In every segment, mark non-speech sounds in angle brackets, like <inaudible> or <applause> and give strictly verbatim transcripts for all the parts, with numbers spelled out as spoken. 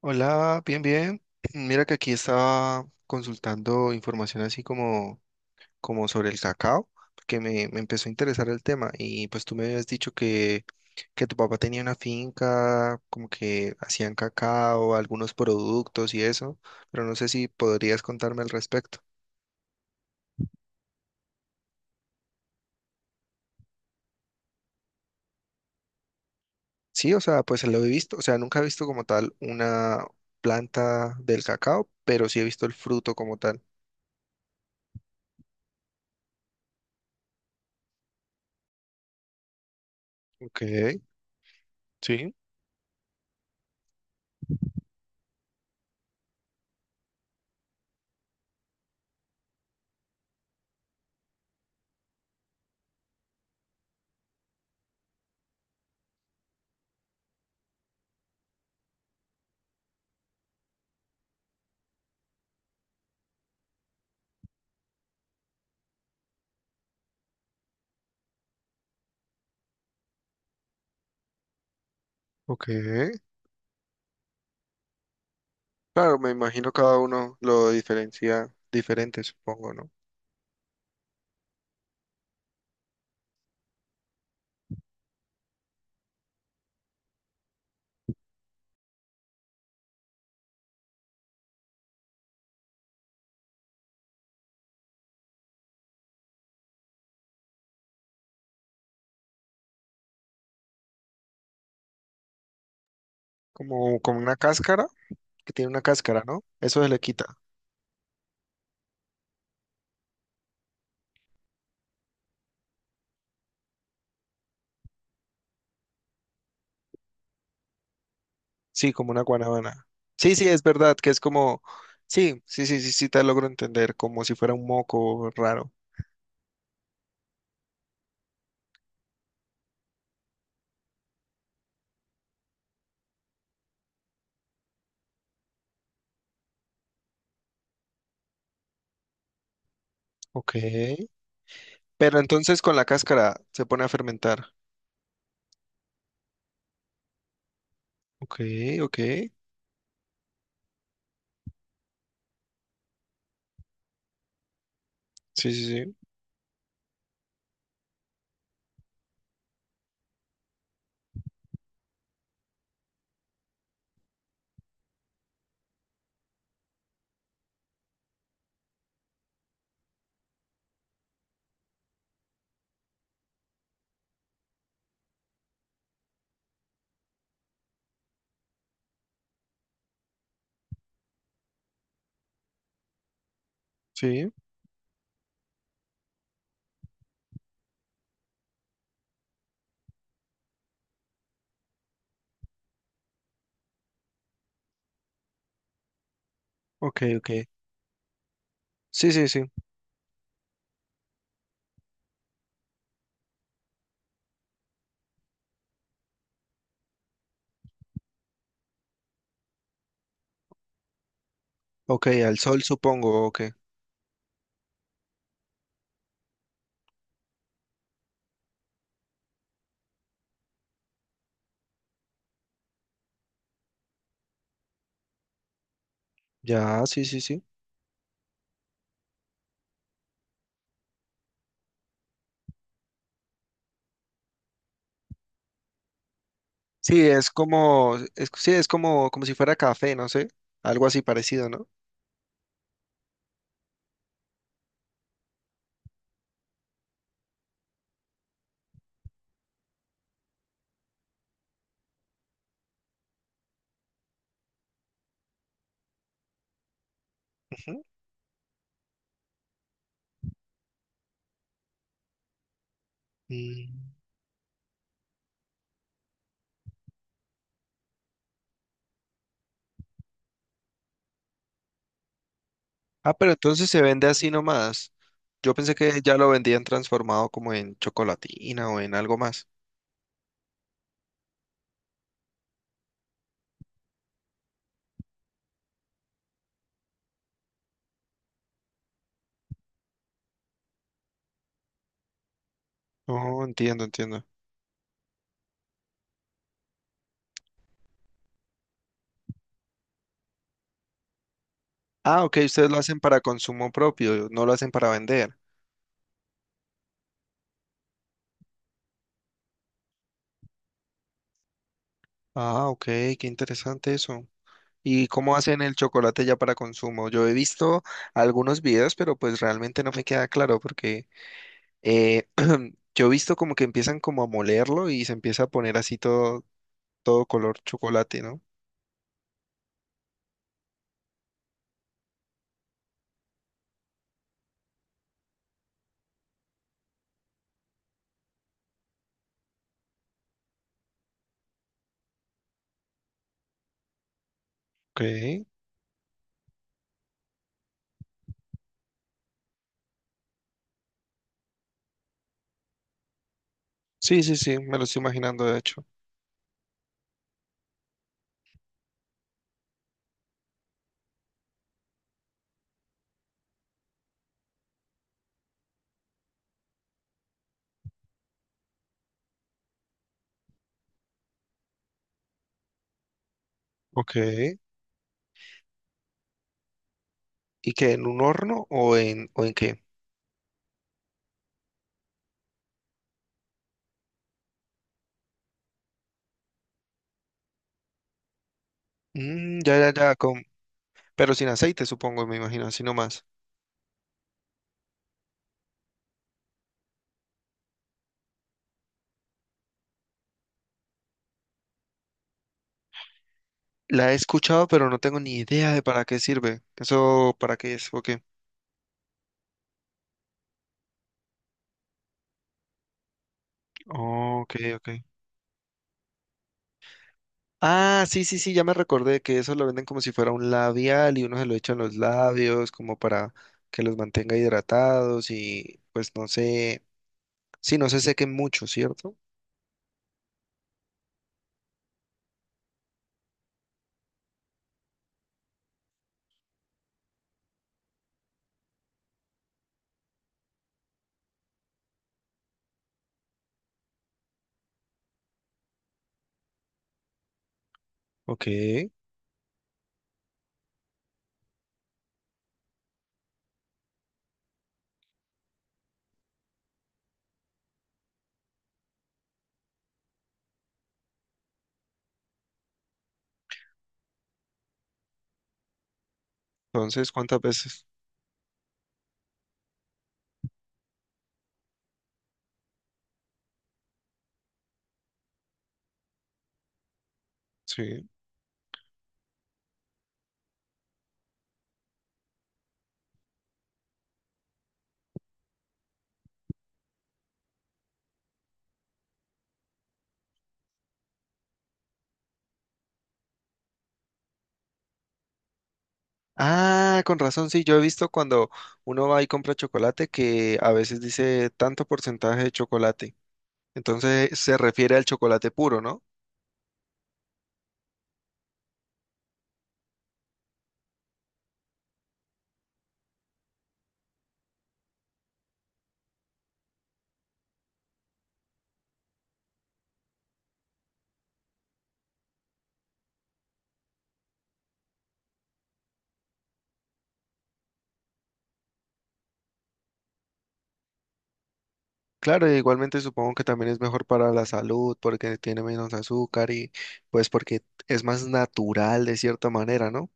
Hola, bien, bien. <clears throat> Mira que aquí estaba consultando información así como, como sobre el cacao, porque me, me empezó a interesar el tema y pues tú me habías dicho que, que tu papá tenía una finca, como que hacían cacao, algunos productos y eso, pero no sé si podrías contarme al respecto. Sí, o sea, pues lo he visto, o sea, nunca he visto como tal una planta del cacao, pero sí he visto el fruto como tal. Ok, sí, ok. Claro, me imagino cada uno lo diferencia diferente, supongo, ¿no? Como, como una cáscara, que tiene una cáscara, ¿no? Eso se le quita. Sí, como una guanábana. Sí, sí, es verdad, que es como, sí, sí, sí, sí, sí, te logro entender, como si fuera un moco raro. Ok. Pero entonces con la cáscara se pone a fermentar. Ok, ok. Sí, sí, sí. Sí, ok, ok. Sí, sí, sí. Ok, al sol supongo, ok. Ya, sí, sí, sí. Sí, es como, es, sí, es como, como si fuera café, no sé, algo así parecido, ¿no? Ujú. Mm. Ah, pero entonces se vende así nomás. Yo pensé que ya lo vendían transformado como en chocolatina o en algo más. Oh, entiendo, entiendo. Ah, ok, ustedes lo hacen para consumo propio, no lo hacen para vender. Ah, ok, qué interesante eso. ¿Y cómo hacen el chocolate ya para consumo? Yo he visto algunos videos, pero pues realmente no me queda claro porque Eh, <clears throat> yo he visto como que empiezan como a molerlo y se empieza a poner así todo, todo color chocolate, ¿no? Ok. Sí, sí, sí, me lo estoy imaginando de hecho. Ok. ¿Y qué? ¿En un horno o en, o en qué? Mm, ya, ya, ya, con, pero sin aceite, supongo, me imagino, así nomás. La he escuchado, pero no tengo ni idea de para qué sirve. ¿Eso para qué es? Ok. Oh, ok, ok. Ah, sí, sí, sí, ya me recordé que eso lo venden como si fuera un labial y uno se lo echa en los labios como para que los mantenga hidratados y pues no sé, sí, no se sequen mucho, ¿cierto? Ok, entonces, ¿cuántas veces? Sí. Ah, con razón, sí, yo he visto cuando uno va y compra chocolate que a veces dice tanto porcentaje de chocolate. Entonces se refiere al chocolate puro, ¿no? Claro, e igualmente supongo que también es mejor para la salud porque tiene menos azúcar y pues porque es más natural de cierta manera, ¿no?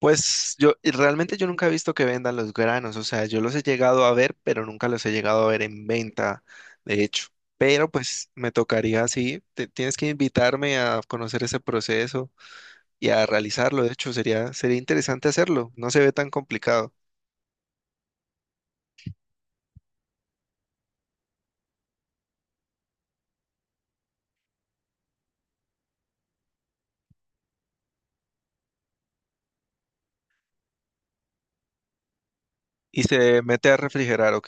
Pues yo y realmente yo nunca he visto que vendan los granos, o sea, yo los he llegado a ver, pero nunca los he llegado a ver en venta, de hecho. Pero pues me tocaría así, te- tienes que invitarme a conocer ese proceso y a realizarlo, de hecho sería sería interesante hacerlo, no se ve tan complicado. ¿Y se mete a refrigerar o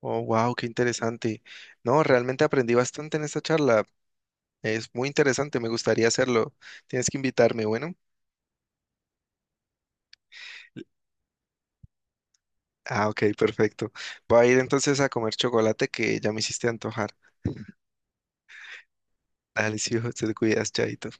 Oh, wow, qué interesante. No, realmente aprendí bastante en esta charla. Es muy interesante, me gustaría hacerlo. Tienes que invitarme, bueno. Ah, ok, perfecto. Voy a ir entonces a comer chocolate que ya me hiciste antojar. Dale, <laughs> sí, hijo, te cuidas, chaito.